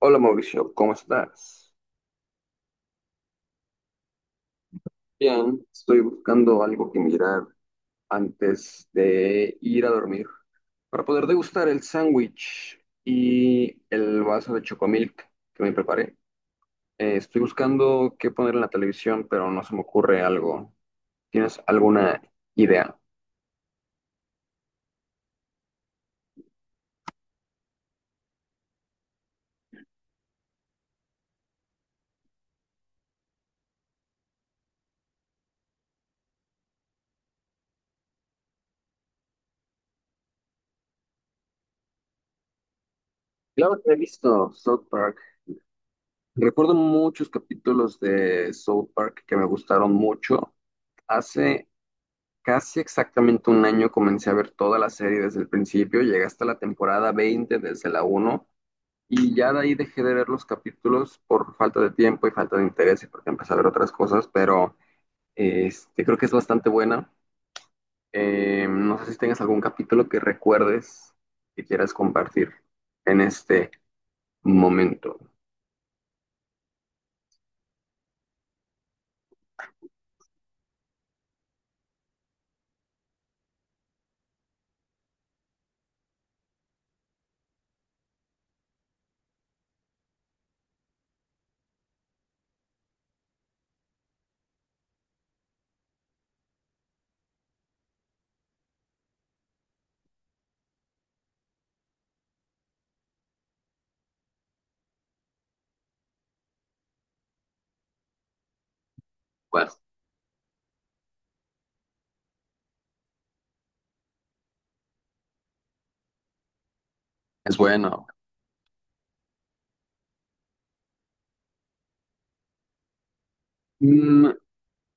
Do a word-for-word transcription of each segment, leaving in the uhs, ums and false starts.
Hola Mauricio, ¿cómo estás? Bien, estoy buscando algo que mirar antes de ir a dormir para poder degustar el sándwich y el vaso de chocomilk que me preparé. Eh, estoy buscando qué poner en la televisión, pero no se me ocurre algo. ¿Tienes alguna idea? Claro que he visto South Park. Recuerdo muchos capítulos de South Park que me gustaron mucho. Hace Casi exactamente un año comencé a ver toda la serie desde el principio, llegué hasta la temporada veinte desde la uno, y ya de ahí dejé de ver los capítulos por falta de tiempo y falta de interés y porque empecé a ver otras cosas, pero eh, este, creo que es bastante buena. Eh, no sé si tengas algún capítulo que recuerdes que quieras compartir en este momento. Bueno, es bueno. Mm,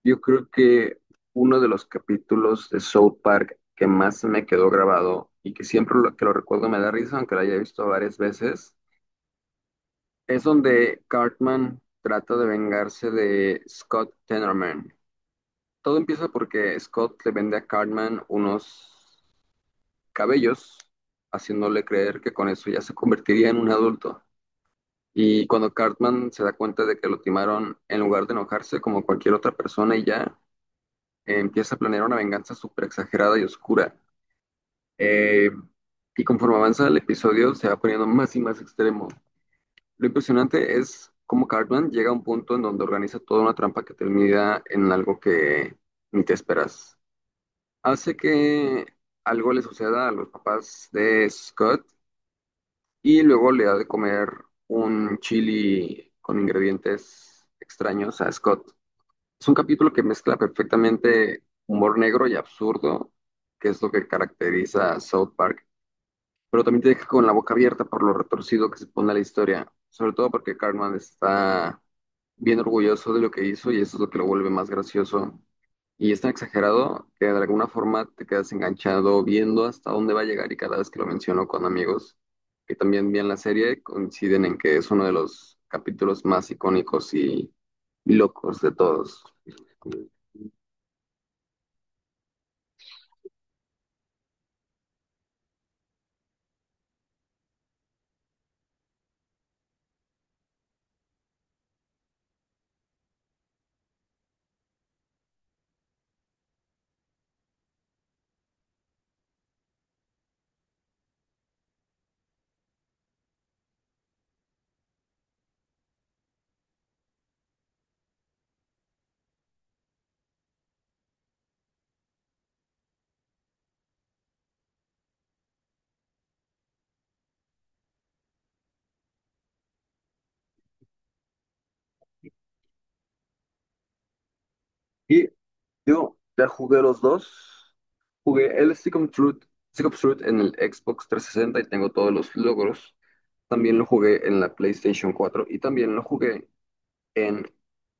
Yo creo que uno de los capítulos de South Park que más me quedó grabado y que siempre lo, que lo recuerdo me da risa, aunque lo haya visto varias veces, es donde Cartman trata de vengarse de Scott Tenorman. Todo empieza porque Scott le vende a Cartman unos cabellos, haciéndole creer que con eso ya se convertiría en un adulto. Y cuando Cartman se da cuenta de que lo timaron, en lugar de enojarse como cualquier otra persona y ya, eh, empieza a planear una venganza súper exagerada y oscura. Eh, y conforme avanza el episodio, se va poniendo más y más extremo. Lo impresionante es cómo Cartman llega a un punto en donde organiza toda una trampa que termina en algo que ni te esperas. Hace que algo le suceda a los papás de Scott y luego le da de comer un chili con ingredientes extraños a Scott. Es un capítulo que mezcla perfectamente humor negro y absurdo, que es lo que caracteriza a South Park, pero también te deja con la boca abierta por lo retorcido que se pone la historia, sobre todo porque Cartman está bien orgulloso de lo que hizo y eso es lo que lo vuelve más gracioso. Y es tan exagerado que de alguna forma te quedas enganchado viendo hasta dónde va a llegar, y cada vez que lo menciono con amigos que también ven la serie coinciden en que es uno de los capítulos más icónicos y locos de todos. Y yo ya jugué los dos. Jugué el Stick of Truth, Stick of Truth en el Xbox tres sesenta y tengo todos los logros. También lo jugué en la PlayStation cuatro y también lo jugué en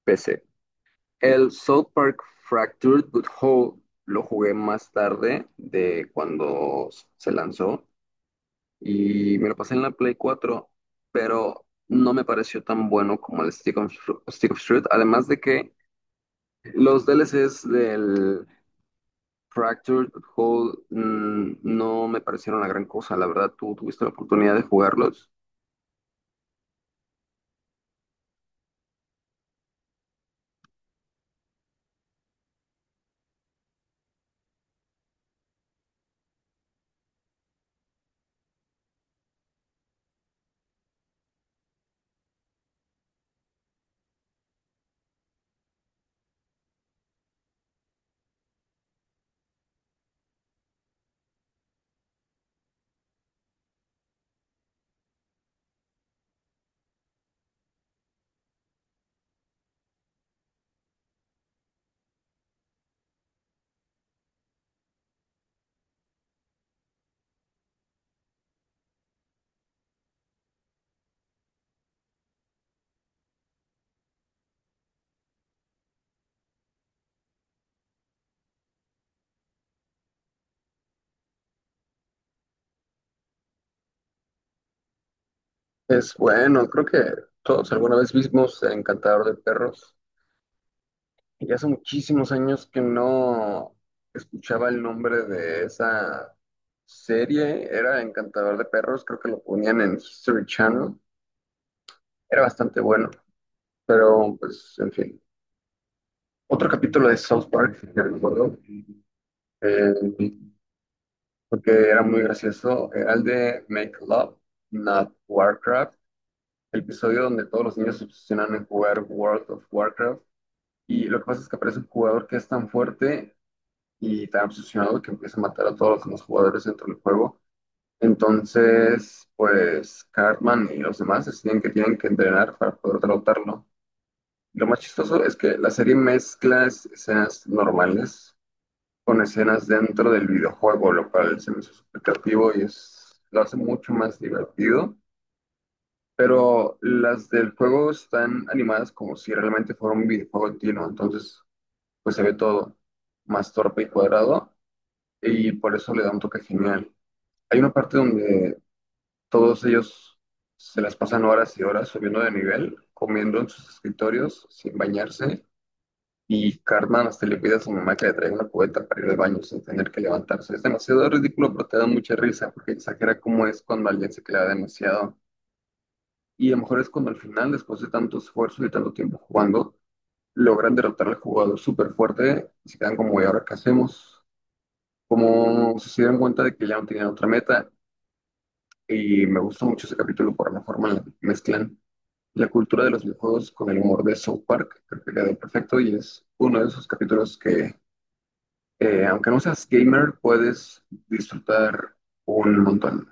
P C. El South Park Fractured But Whole lo jugué más tarde de cuando se lanzó y me lo pasé en la Play cuatro, pero no me pareció tan bueno como el Stick of, Stru- Stick of Truth. Además de que los D L Cs del Fractured Hold mm, no me parecieron la gran cosa, la verdad. ¿Tú tuviste la oportunidad de jugarlos? Es bueno, creo que todos alguna vez vimos Encantador de Perros. Y hace muchísimos años que no escuchaba el nombre de esa serie. Era Encantador de Perros, creo que lo ponían en History Channel. Era bastante bueno, pero pues, en fin. Otro capítulo de South Park que recuerdo, porque era muy gracioso, era el de Make Love, Not Warcraft, el episodio donde todos los niños se obsesionan en jugar World of Warcraft. Y lo que pasa es que aparece un jugador que es tan fuerte y tan obsesionado que empieza a matar a todos los demás jugadores dentro del juego. Entonces, pues Cartman y los demás deciden que tienen que entrenar para poder derrotarlo. Lo más chistoso es que la serie mezcla escenas normales con escenas dentro del videojuego, lo cual se me hizo súper creativo y es, lo hace mucho más divertido. Pero las del juego están animadas como si realmente fuera un videojuego en tino, entonces pues se ve todo más torpe y cuadrado, y por eso le da un toque genial. Hay una parte donde todos ellos se las pasan horas y horas subiendo de nivel, comiendo en sus escritorios sin bañarse. Y Cartman hasta le pide a su mamá que le traiga una cubeta para ir al baño sin tener que levantarse. Es demasiado ridículo, pero te da mucha risa porque exagera cómo es cuando alguien se clava demasiado. Y a lo mejor es cuando al final, después de tanto esfuerzo y tanto tiempo jugando, logran derrotar al jugador súper fuerte y se quedan como, ¿y ahora qué hacemos? Como si se dieron cuenta de que ya no tenían otra meta. Y me gusta mucho ese capítulo por la forma en la que mezclan la cultura de los videojuegos con el humor de South Park. Creo que quedó perfecto y es uno de esos capítulos que, Eh, aunque no seas gamer, puedes disfrutar un montón.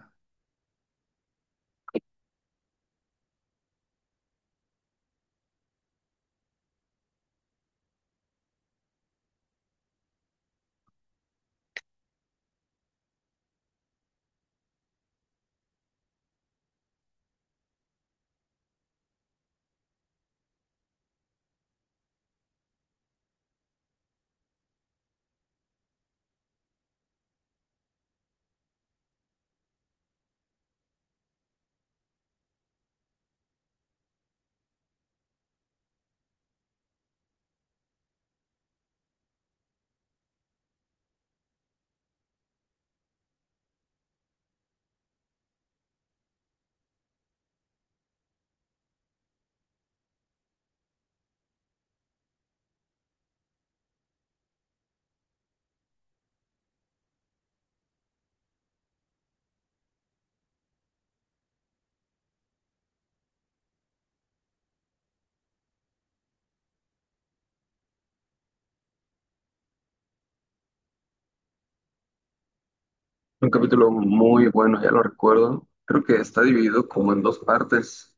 Un capítulo muy bueno, ya lo recuerdo. Creo que está dividido como en dos partes.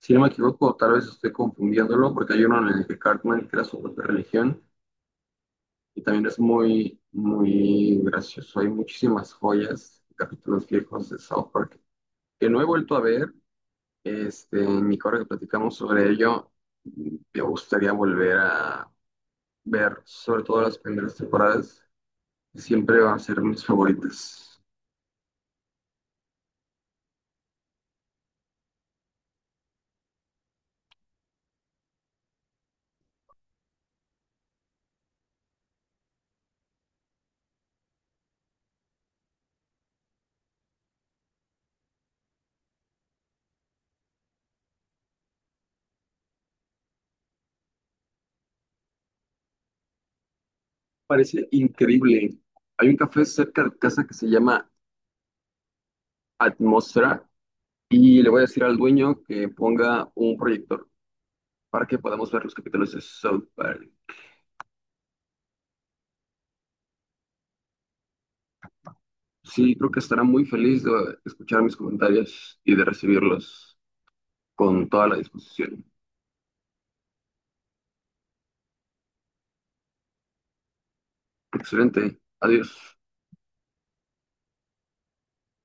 Si no me equivoco, tal vez estoy confundiéndolo, porque hay uno en el que Cartman crea su propia religión y también es muy, muy gracioso. Hay muchísimas joyas, capítulos viejos de South Park que no he vuelto a ver. Este, en mi correo que platicamos sobre ello, me gustaría volver a ver sobre todo las primeras temporadas. Siempre va a ser mis favoritas. Parece increíble. Hay un café cerca de casa que se llama Atmósfera y le voy a decir al dueño que ponga un proyector para que podamos ver los capítulos de South Park. Sí, creo que estará muy feliz de escuchar mis comentarios y de recibirlos con toda la disposición. Excelente. Adiós.